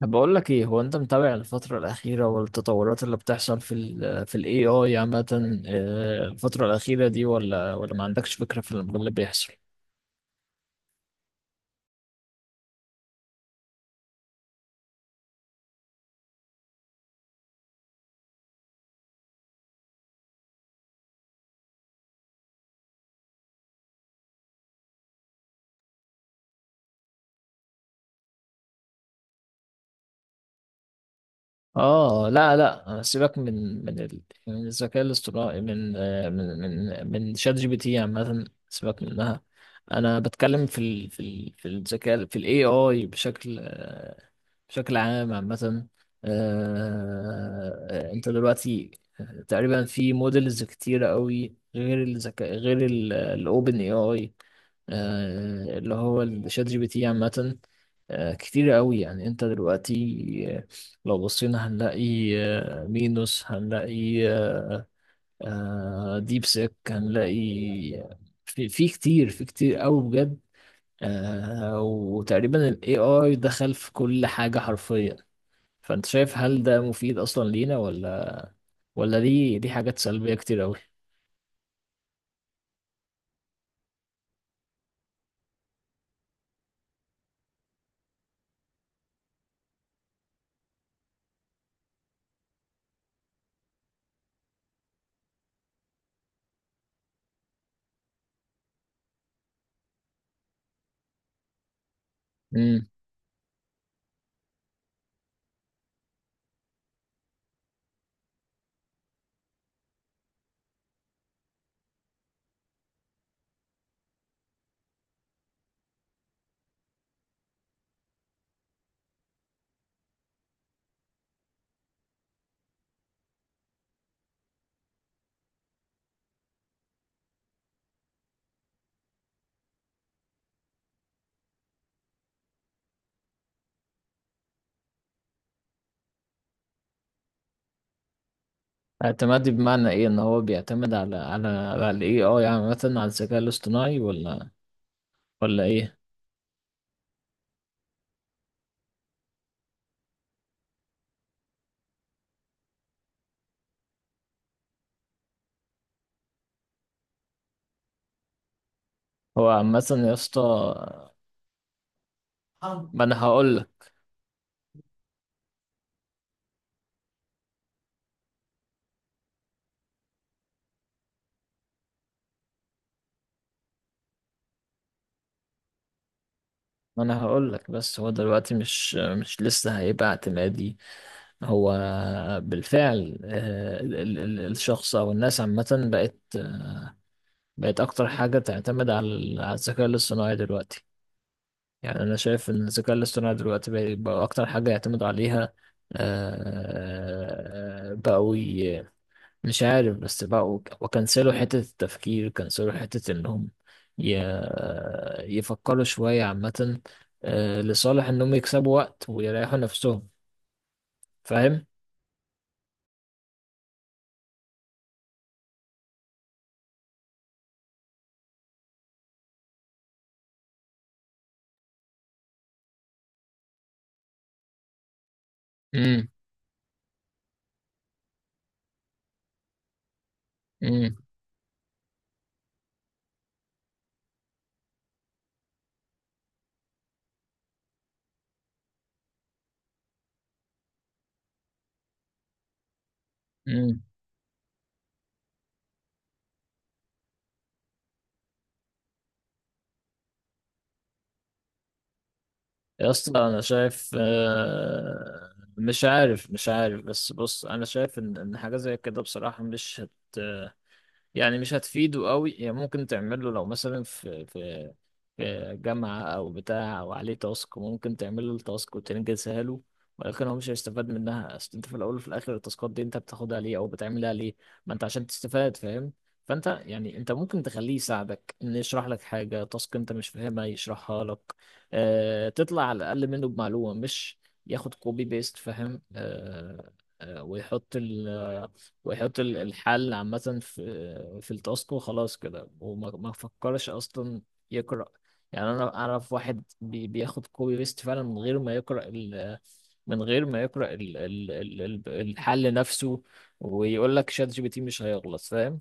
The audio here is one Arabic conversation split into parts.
طب بقول لك ايه، هو انت متابع الفترة الأخيرة والتطورات اللي بتحصل في ال AI عامة؟ الفترة الأخيرة دي ولا ما عندكش فكرة في اللي بيحصل؟ اه، لا لا، سيبك من الذكاء الاصطناعي، من آه، من من من شات جي بي تي عامة، سيبك منها. انا بتكلم في ال في ال في الذكاء في الاي اي بشكل بشكل عام عامة. انت دلوقتي تقريبا في موديلز كتيرة قوي، غير الذكاء غير الاوبن اي اي اللي هو الشات جي بي تي عامة. كتيرة قوي، يعني انت دلوقتي آه، لو بصينا هنلاقي مينوس، هنلاقي ديب سيك، هنلاقي آه، في كتير قوي بجد. وتقريبا الاي اي دخل في كل حاجة حرفيا. فانت شايف، هل ده مفيد اصلا لينا، ولا دي دي حاجات سلبية كتير قوي؟ امم اعتمادي بمعنى ايه؟ ان هو بيعتمد على الاي اي عامة، على الذكاء الاصطناعي، ولا ايه؟ هو عامة يا اسطى، ما انا هقول لك ما انا هقول لك. بس هو دلوقتي مش لسه هيبقى اعتمادي. هو بالفعل الشخص او الناس عامة بقت، بقت اكتر حاجة تعتمد على الذكاء الاصطناعي دلوقتي. يعني أنا شايف إن الذكاء الاصطناعي دلوقتي بقى أكتر حاجة يعتمد عليها. آه، بقوا ي- مش عارف، بس بقوا وكنسلوا حتة التفكير، كنسلوا حتة إنهم ي- يفكروا شوية عامة، لصالح إنهم يكسبوا وقت ويريحوا نفسهم. فاهم؟ امم امم امم يا اسطى أنا شايف مش عارف، بس بص، أنا شايف إن حاجة زي كده بصراحة مش هت يعني مش هتفيده قوي. يعني ممكن تعمل له، لو مثلا في جامعة أو بتاع، أو عليه تاسك، ممكن تعمل له التاسك وتنجزها له، ولكن هو مش هيستفاد منها. أصل أنت في الأول وفي الآخر، التاسكات دي أنت بتاخدها ليه أو بتعملها ليه؟ ما أنت عشان تستفاد، فاهم؟ فأنت يعني أنت ممكن تخليه يساعدك، إنه يشرح لك حاجة، تاسك أنت مش فاهمها يشرحها لك، أه، تطلع على الأقل منه بمعلومة، مش ياخد كوبي بيست، فاهم؟ أه، آه، ويحط ال- ويحط الحل عامة في التاسك وخلاص كده، وما ما فكرش أصلا يقرأ. يعني أنا أعرف واحد بياخد كوبي بيست فعلا من غير ما يقرأ ال، من غير ما يقرأ ال الحل نفسه، ويقول لك شات جي بي تي مش هيغلط، فاهم؟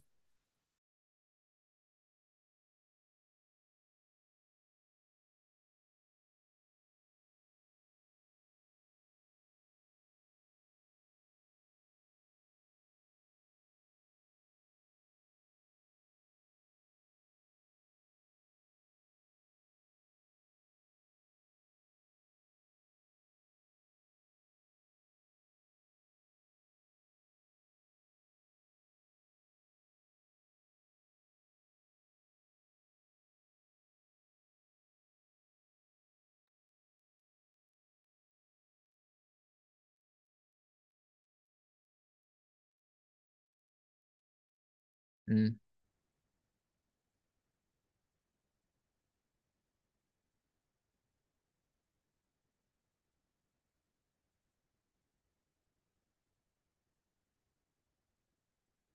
مم.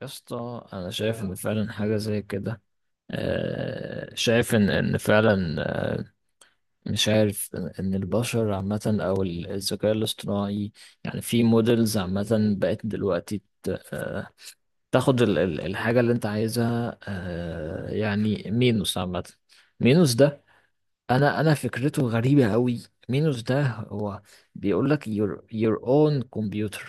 يا اسطى أنا شايف إن فعلا حاجة زي كده، شايف إن فعلا مش عارف، ان البشر عامة او الذكاء الاصطناعي، يعني في مودلز عامة بقت دلوقتي، تاخد الحاجة اللي انت عايزها. يعني مينوس عامة، مينوس ده انا فكرته غريبه قوي. مينوس ده هو بيقول لك your own computer،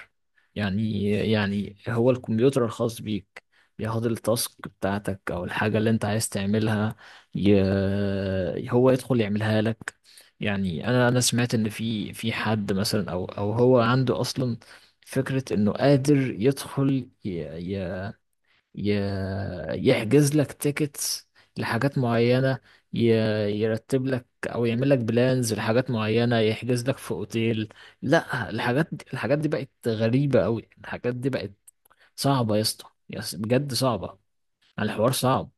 يعني هو الكمبيوتر الخاص بيك، بياخد التاسك بتاعتك او الحاجه اللي انت عايز تعملها، هو يدخل يعملها لك. يعني انا سمعت ان في حد مثلا، او هو عنده اصلا فكره انه قادر يدخل ي... يحجز لك تيكتس لحاجات معينة، ي- يرتب لك او يعمل لك بلانز لحاجات معينة، يحجز لك في اوتيل. لا، الحاجات دي، الحاجات دي بقت غريبة قوي، الحاجات دي بقت صعبة يا اسطى، بجد صعبة، يعني الحوار صعب.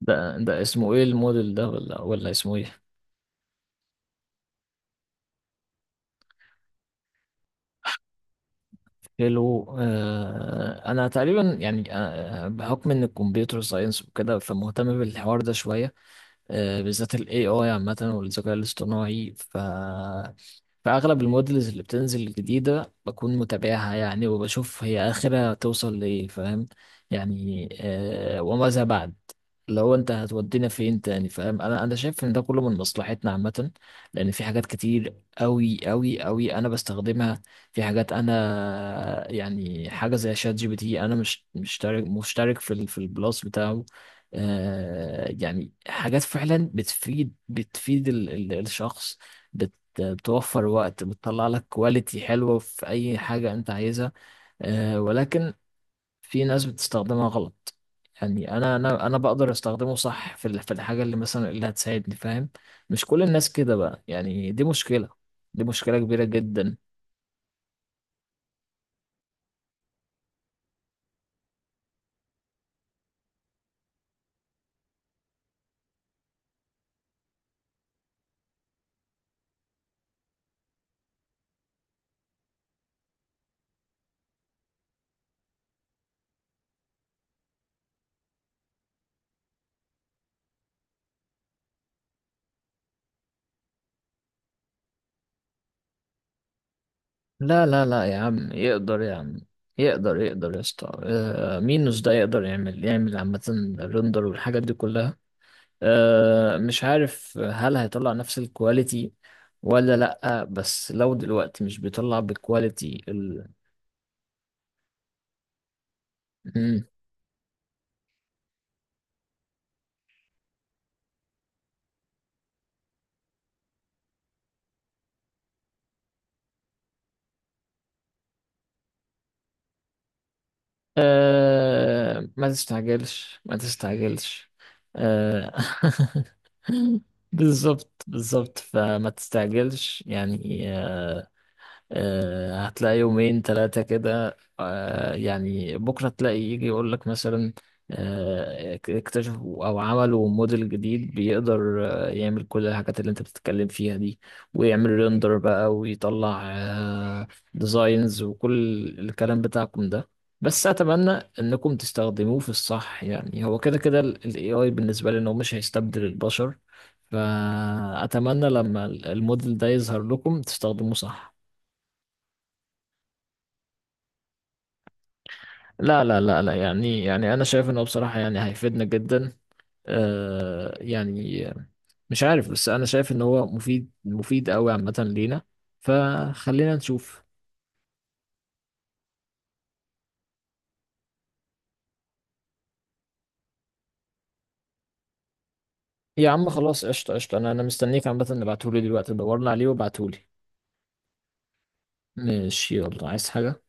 ده اسمه ايه الموديل ده؟ ولا اسمه ايه؟ هيلو، آه، انا تقريبا يعني، آه، بحكم ان الكمبيوتر ساينس وكده، فمهتم بالحوار ده شوية، بالذات ال AI عامة والذكاء الاصطناعي، فأغلب المودلز اللي بتنزل الجديدة بكون متابعها، يعني وبشوف هي آخرها توصل لإيه، فاهم؟ يعني آه، وماذا بعد؟ لو أنت هتودينا فين تاني، فاهم؟ أنا شايف إن ده كله من مصلحتنا عامة، لأن في حاجات كتير أوي أوي أوي أنا بستخدمها، في حاجات أنا يعني، حاجة زي شات جي بي تي، أنا مش مشترك في البلاس بتاعه. آه، يعني حاجات فعلا بتفيد، بتفيد الشخص، بتوفر وقت، بتطلع لك كواليتي حلوة في أي حاجة أنت عايزها. ولكن في ناس بتستخدمها غلط. يعني أنا أنا بقدر أستخدمه صح في الحاجة اللي مثلا اللي هتساعدني، فاهم؟ مش كل الناس كده بقى، يعني دي مشكلة، دي مشكلة كبيرة جدا. لا لا لا يا عم، يقدر يا عم، يقدر يا اسطى. مين مش ده يقدر يعمل، عامة الرندر والحاجات دي كلها. مش عارف هل هيطلع نفس الكواليتي ولا لأ، بس لو دلوقتي مش بيطلع بالكواليتي ال... مم. ما تستعجلش، ما تستعجلش. آه، بالظبط بالظبط، فما تستعجلش يعني. هتلاقي يومين ثلاثة كده، يعني بكرة تلاقي يجي يقول لك مثلا، اكتشفوا أو عملوا موديل جديد بيقدر يعمل كل الحاجات اللي أنت بتتكلم فيها دي، ويعمل ريندر بقى، ويطلع ديزاينز وكل الكلام بتاعكم ده. بس أتمنى إنكم تستخدموه في الصح. يعني هو كده كده ال AI بالنسبة لي إنه مش هيستبدل البشر، فأتمنى لما الموديل ده يظهر لكم تستخدموه صح. لا لا لا لا، يعني انا شايف انه بصراحة يعني هيفيدنا جدا. آه يعني، مش عارف، بس انا شايف ان هو مفيد، مفيد قوي عامة لينا، فخلينا نشوف. يا عم خلاص، قشطة قشطة، انا مستنيك عامة، اللي بعتهولي دلوقتي دورنا عليه وبعتهولي. ماشي، يلا، عايز حاجة؟